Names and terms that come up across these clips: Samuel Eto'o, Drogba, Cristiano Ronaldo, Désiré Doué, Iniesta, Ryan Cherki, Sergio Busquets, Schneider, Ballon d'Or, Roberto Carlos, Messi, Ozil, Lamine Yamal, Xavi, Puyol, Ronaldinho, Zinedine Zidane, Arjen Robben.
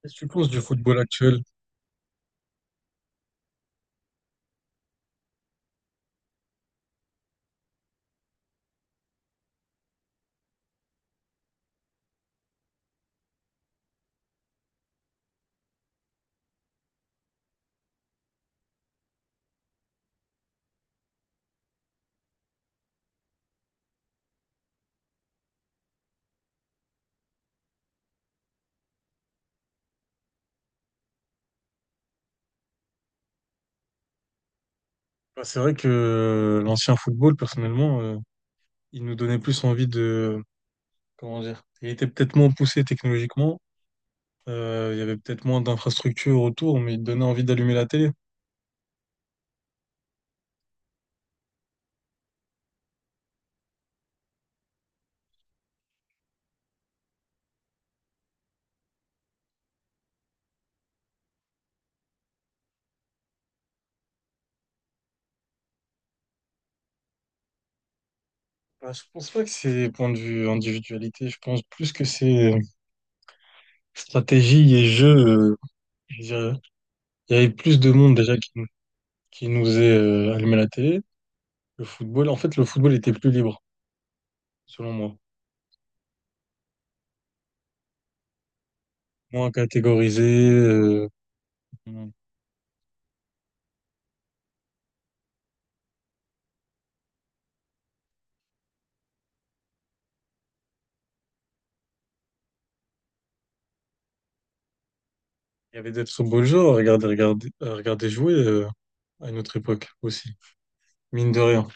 Qu'est-ce que tu penses du football actuel? Bah, c'est vrai que l'ancien football, personnellement, il nous donnait plus envie de... Comment dire? Il était peut-être moins poussé technologiquement, il y avait peut-être moins d'infrastructures autour, mais il donnait envie d'allumer la télé. Bah, je pense pas que c'est point de vue individualité, je pense plus que c'est stratégie et jeu, je dirais. Il y avait plus de monde déjà qui nous est allumé la télé. Le football, en fait, le football était plus libre, selon moi. Moins catégorisé. Il y avait des très beaux joueurs à regarder, à regarder jouer à une autre époque aussi, mine de rien.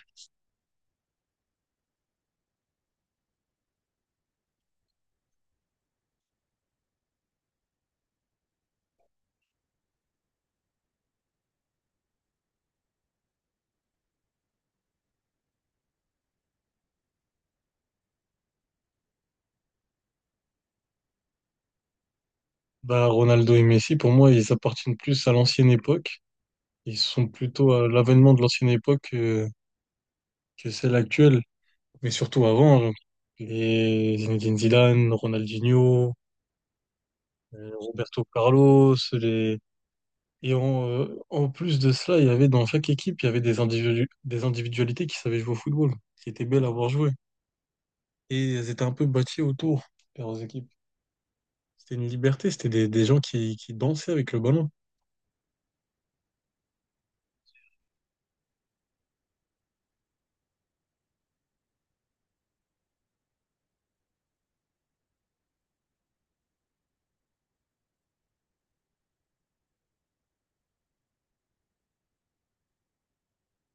Bah, Ronaldo et Messi, pour moi, ils appartiennent plus à l'ancienne époque. Ils sont plutôt à l'avènement de l'ancienne époque que celle actuelle, mais surtout avant, genre, les Zinedine Zidane, Ronaldinho, Roberto Carlos, les... Et en, en plus de cela, il y avait dans chaque équipe, il y avait des des individualités qui savaient jouer au football, qui étaient belles à voir jouer. Et elles étaient un peu bâties autour de leurs équipes. C'était une liberté, c'était des gens qui dansaient avec le ballon.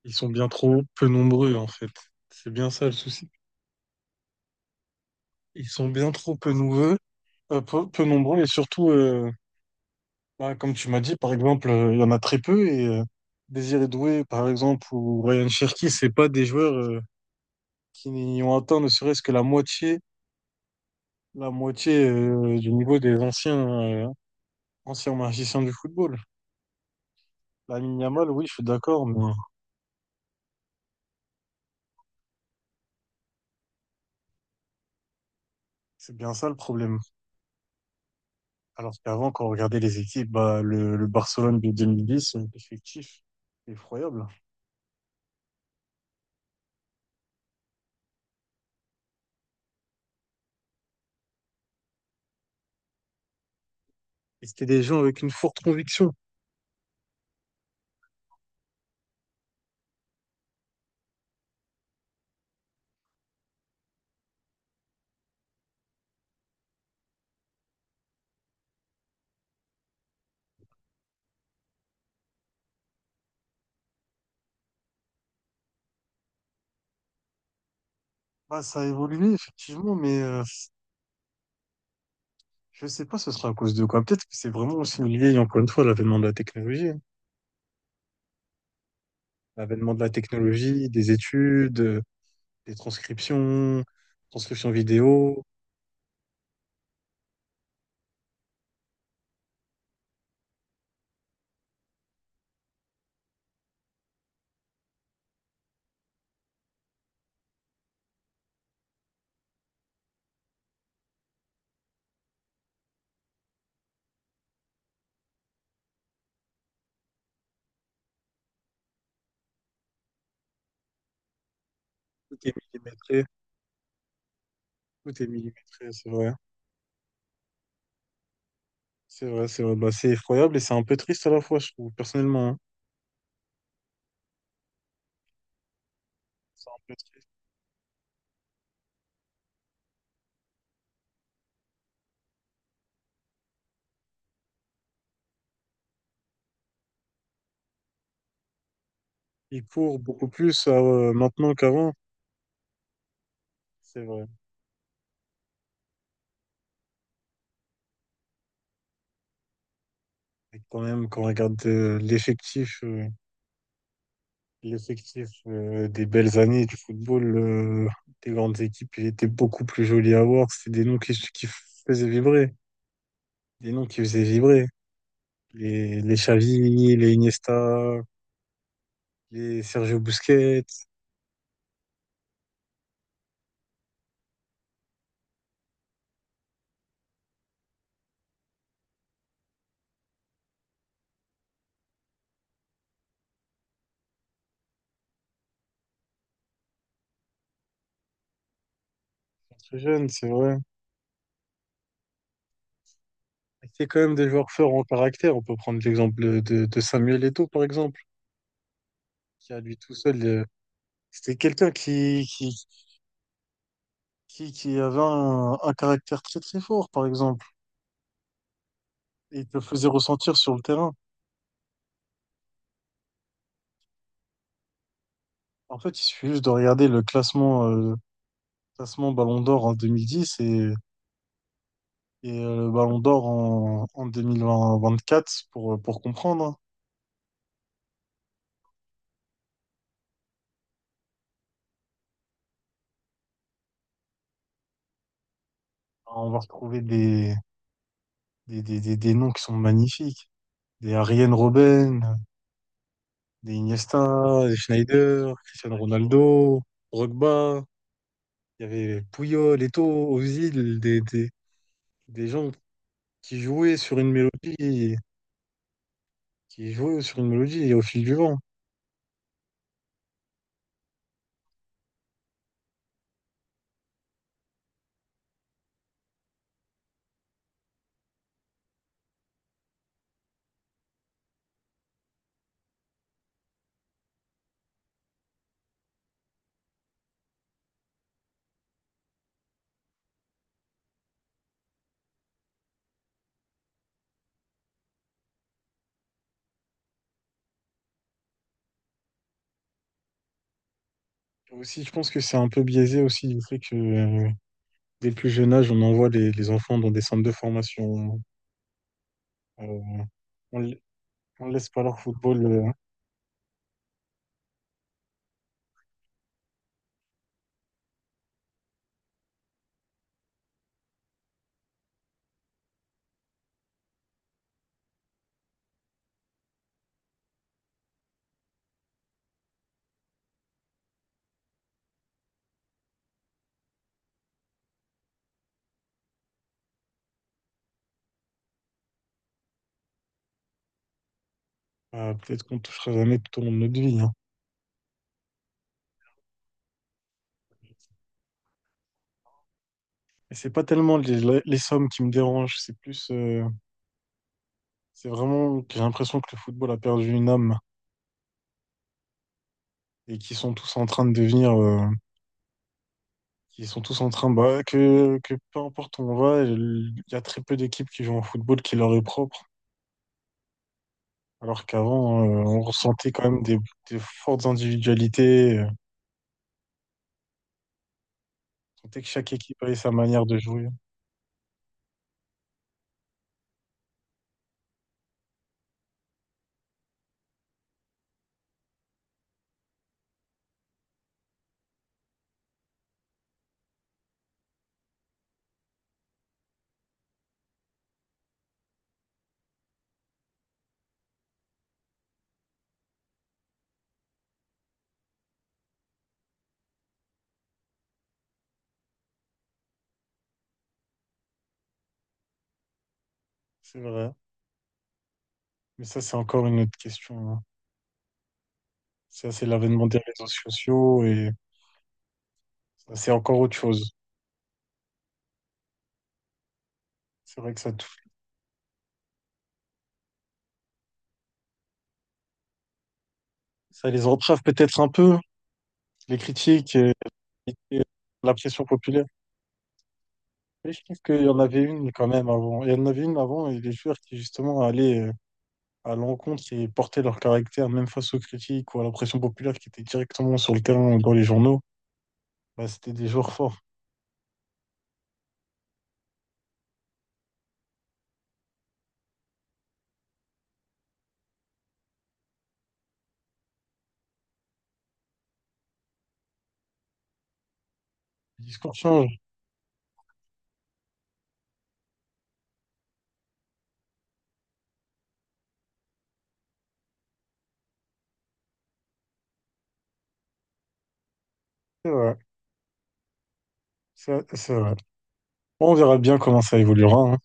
Ils sont bien trop peu nombreux, en fait. C'est bien ça le souci. Ils sont bien trop peu nombreux, peu nombreux, et surtout, bah, comme tu m'as dit, par exemple, il y en a très peu, et Désiré Doué, par exemple, ou Ryan Cherki, c'est pas des joueurs qui n'y ont atteint ne serait-ce que la moitié du niveau des anciens, euh, anciens magiciens du football. Lamine Yamal, oui, je suis d'accord, mais c'est bien ça le problème. Alors qu'avant, quand on regardait les équipes, bah, le Barcelone de 2010, effectif, effroyable. Et c'était des gens avec une forte conviction. Bah, ça a évolué, effectivement, mais je sais pas ce sera à cause de quoi. Peut-être que c'est vraiment aussi lié, encore une fois, à l'avènement de la technologie, hein. L'avènement de la technologie, des études, des transcriptions, transcriptions vidéo, tout est millimétré. Tout est millimétré, c'est vrai, hein. C'est vrai, c'est vrai. Bah, c'est effroyable et c'est un peu triste à la fois, je trouve, personnellement, hein. C'est un peu triste. Ils courent beaucoup plus maintenant qu'avant, c'est vrai. Et quand même, quand on regarde l'effectif des belles années du football, des grandes équipes, il était beaucoup plus joli à voir. C'était des noms qui faisaient vibrer, des noms qui faisaient vibrer. Les Xavi, les Iniesta, les Sergio Busquets, très jeunes, c'est vrai. C'est quand même des joueurs forts en caractère. On peut prendre l'exemple de Samuel Eto'o, par exemple, qui à lui tout seul... c'était quelqu'un qui avait un caractère très très fort, par exemple, et il te le faisait ressentir sur le terrain. En fait, il suffit juste de regarder le classement, classement Ballon d'Or en 2010 et, le Ballon d'Or en 2024 pour comprendre, hein. On va retrouver des, des noms qui sont magnifiques. Des Arjen Robben, des Iniesta, des Schneider, Cristiano Ronaldo, Drogba. Il y avait Puyol, Eto'o, Ozil, des gens qui jouaient sur une mélodie qui est joué sur une mélodie et au fil du vent. Aussi, je pense que c'est un peu biaisé aussi du fait que dès le plus jeune âge, on envoie les enfants dans des centres de formation. euh, on ne laisse pas leur football. Peut-être qu'on ne touchera jamais tout au long de notre vie, hein. Et c'est pas tellement les sommes qui me dérangent, c'est plus, c'est vraiment, que j'ai l'impression que le football a perdu une âme et qu'ils sont tous en train de devenir, qu'ils sont tous en train, bah, que peu importe où on va, il y a très peu d'équipes qui jouent en football qui leur est propre. Alors qu'avant, on ressentait quand même des fortes individualités. On sentait que chaque équipe avait sa manière de jouer. C'est vrai. Mais ça, c'est encore une autre question, hein. Ça, c'est l'avènement des réseaux sociaux et ça, c'est encore autre chose. C'est vrai que ça, ça les entrave peut-être un peu, les critiques et la pression populaire. Mais je trouve qu'il y en avait une quand même avant. Il y en avait une avant et les joueurs qui justement allaient à l'encontre et portaient leur caractère même face aux critiques ou à la pression populaire qui était directement sur le terrain ou dans les journaux. Bah, c'était des jours forts. Les discours changent. C'est vrai, ouais. C'est vrai. Bon, on verra bien comment ça évoluera, hein.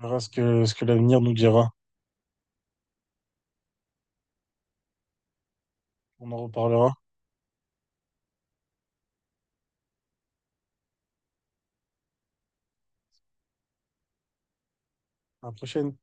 On verra ce que l'avenir nous dira. On en reparlera. À la prochaine.